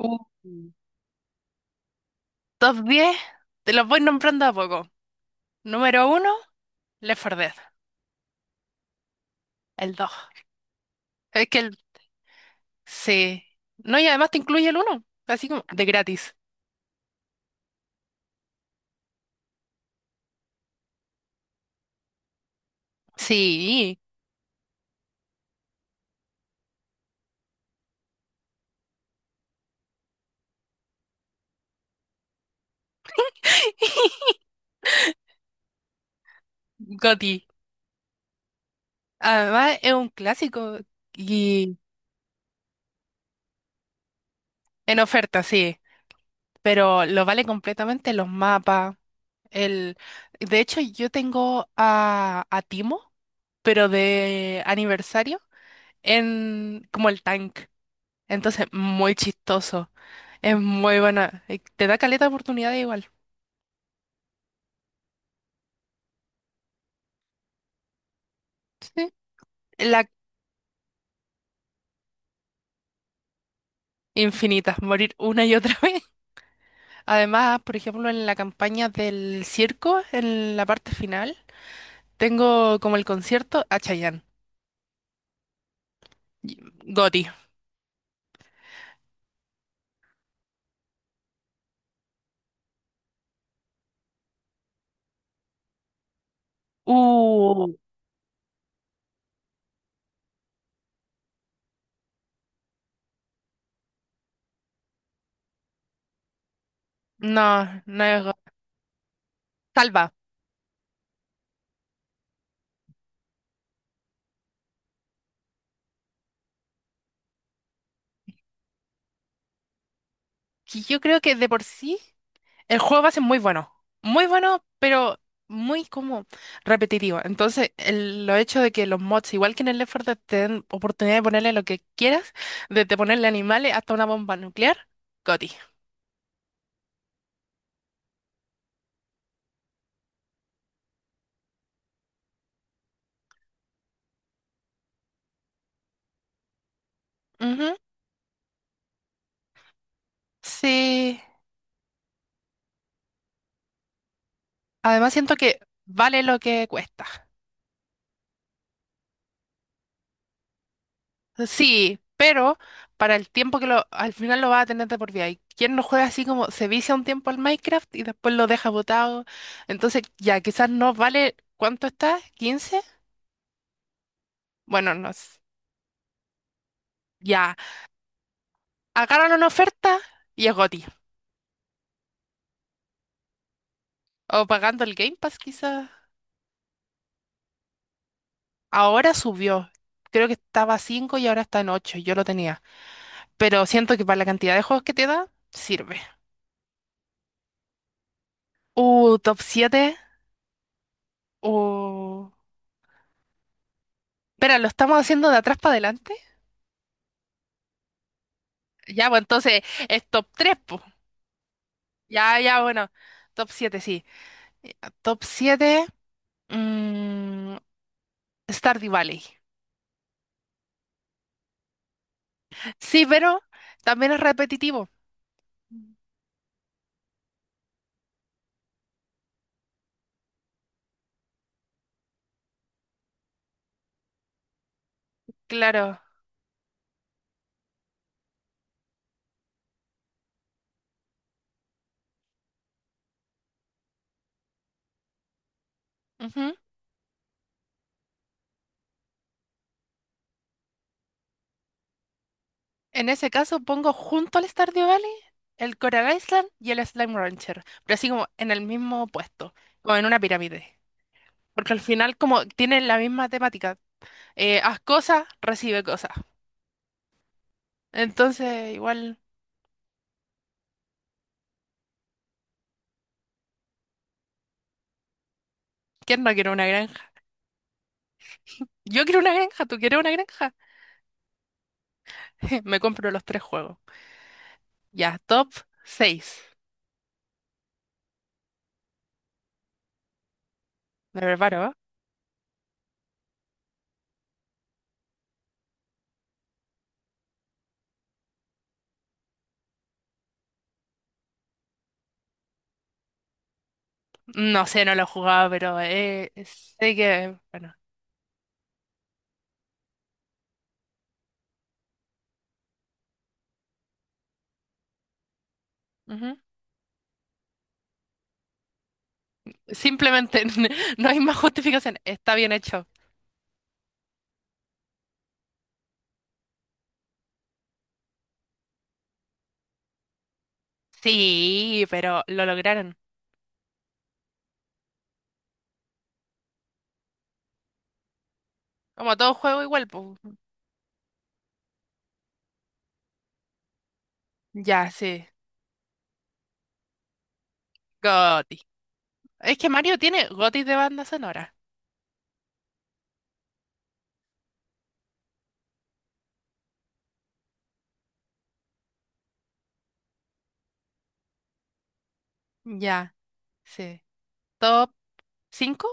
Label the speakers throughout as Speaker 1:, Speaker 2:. Speaker 1: Uh. Top 10, te los voy nombrando a poco. Número uno, Left 4 Dead. El dos. Es que el... sí. No, y además te incluye el uno así como de gratis. Sí, goti. Además es un clásico y en oferta, sí. Pero lo vale completamente los mapas. El... de hecho, yo tengo a Timo, pero de aniversario, en como el tank. Entonces, muy chistoso. Es muy buena. Te da caleta de oportunidades igual. Sí. La infinita, morir una y otra vez. Además, por ejemplo, en la campaña del circo, en la parte final, tengo como el concierto a Chayanne. Y- goti. Uh, no, Salva. Que yo creo que de por sí. El juego base es muy bueno, muy bueno, pero muy como repetitivo. Entonces, el, lo hecho de que los mods, igual que en el Left 4 Dead, te den oportunidad de ponerle lo que quieras, desde ponerle animales hasta una bomba nuclear, goti. Ujú. Sí, además siento que vale lo que cuesta. Sí, pero para el tiempo que lo, al final lo va a tener de por vida. Y quien no juega así como se vicia un tiempo al Minecraft y después lo deja botado. Entonces, ya quizás no vale, ¿cuánto está? Quince. Bueno, no. Ya, agarran una oferta y es goti. O pagando el Game Pass quizás. Ahora subió. Creo que estaba a 5 y ahora está en 8. Yo lo tenía. Pero siento que para la cantidad de juegos que te da, sirve. Top siete. Uh. Espera, ¿lo estamos haciendo de atrás para adelante? Ya, pues entonces es top 3, pues. Ya, ya, bueno. Top siete, sí. Eh, top 7, mm, Stardew Valley. Sí, pero también es repetitivo. Claro. En ese caso pongo junto al Stardew Valley el Coral Island y el Slime Rancher, pero así como en el mismo puesto, como en una pirámide. Porque al final como tienen la misma temática. Haz cosas, recibe cosas. Entonces, igual, ¿quién no quiere una granja? Yo quiero una granja, ¿tú quieres una granja? Me compro los tres juegos. Ya, top seis. ¿Me preparo, eh? No sé, no lo he jugado, pero sé que, bueno. Ujú. Simplemente no hay más justificación. Está bien hecho. Sí, pero lo lograron. Como todo juego igual, pues. Ya, sí. GOTY. Es que Mario tiene GOTY de banda sonora. Ya, sí. Top 5.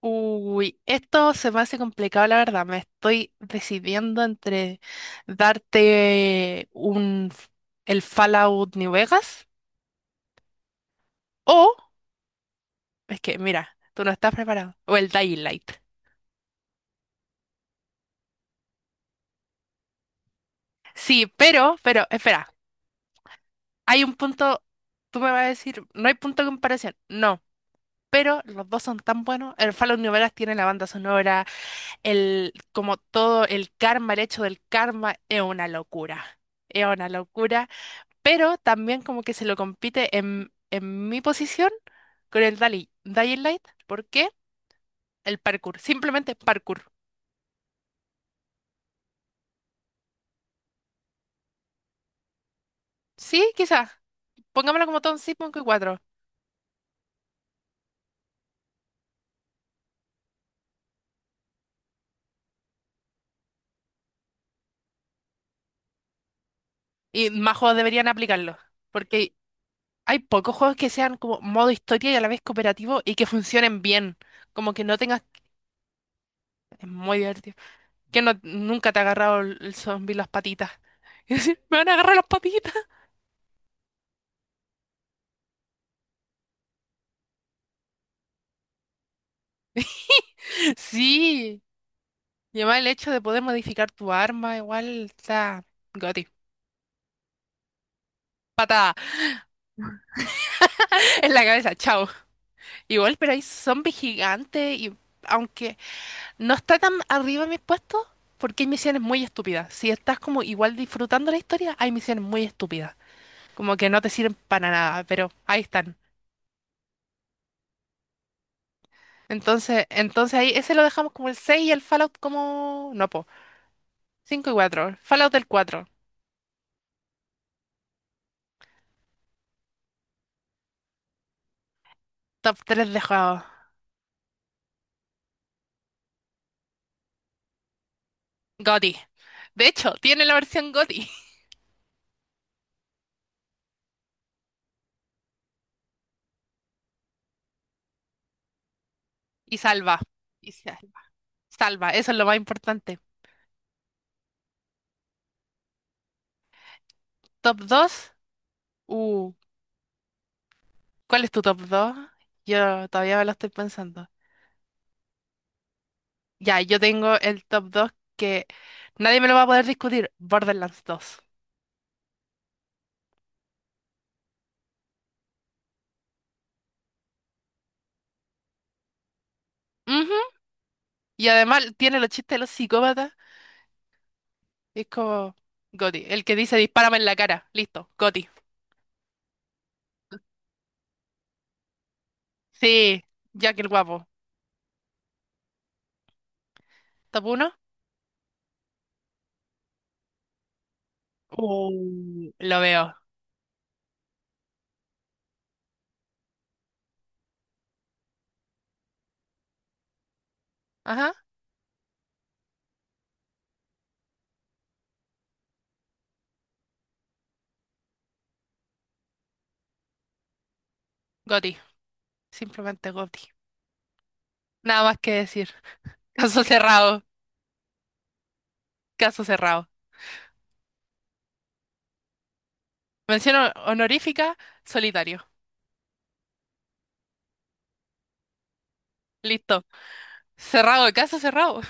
Speaker 1: Uy, esto se me hace complicado, la verdad. Me estoy decidiendo entre darte un el Fallout New Vegas o es que, mira, tú no estás preparado. O el Dying Light. Sí, pero, espera, hay un punto, tú me vas a decir, no hay punto de comparación. No. Pero los dos son tan buenos. El Fallout New Vegas tiene la banda sonora, el, como todo el karma, el hecho del karma, es una locura. Es una locura. Pero también como que se lo compite en mi posición con el Dali, Dying Light. ¿Por qué? El parkour. Simplemente parkour. Sí, quizás. Pongámoslo como Tom cinco y cuatro. Y más juegos deberían aplicarlo. Porque hay pocos juegos que sean como modo historia y a la vez cooperativo y que funcionen bien. Como que no tengas... Es muy divertido. Que no, nunca te ha agarrado el zombie las patitas. Y decir, me van a agarrar las patitas. Sí, y además el hecho de poder modificar tu arma, igual está goti. Patada en la cabeza, chao. Igual, pero hay zombies gigantes y aunque no está tan arriba mis puestos, porque hay misiones muy estúpidas. Si estás como igual disfrutando la historia, hay misiones muy estúpidas, como que no te sirven para nada, pero ahí están. Entonces, entonces ahí ese lo dejamos como el 6 y el Fallout como no, po. Cinco y 4 Fallout del cuatro. Top 3 de juegos. GOTY. De hecho, tiene la versión GOTY. Y salva. Y sa- Salva. Eso es lo más importante. Top dos. Uh, ¿Cuál es tu top dos? Yo todavía me lo estoy pensando. Ya, yo tengo el top 2 que nadie me lo va a poder discutir. Borderlands dos. Ujú. Y además tiene los chistes de los psicópatas. Es como GOTY. El que dice dispárame en la cara. Listo. GOTY. Sí, Jack el guapo. Top uno. Mm, lo veo. Ajá. Goti. Simplemente goti. Nada más que decir. Caso cerrado. Caso cerrado. Mención honorífica, solitario. Listo. Cerrado, caso cerrado.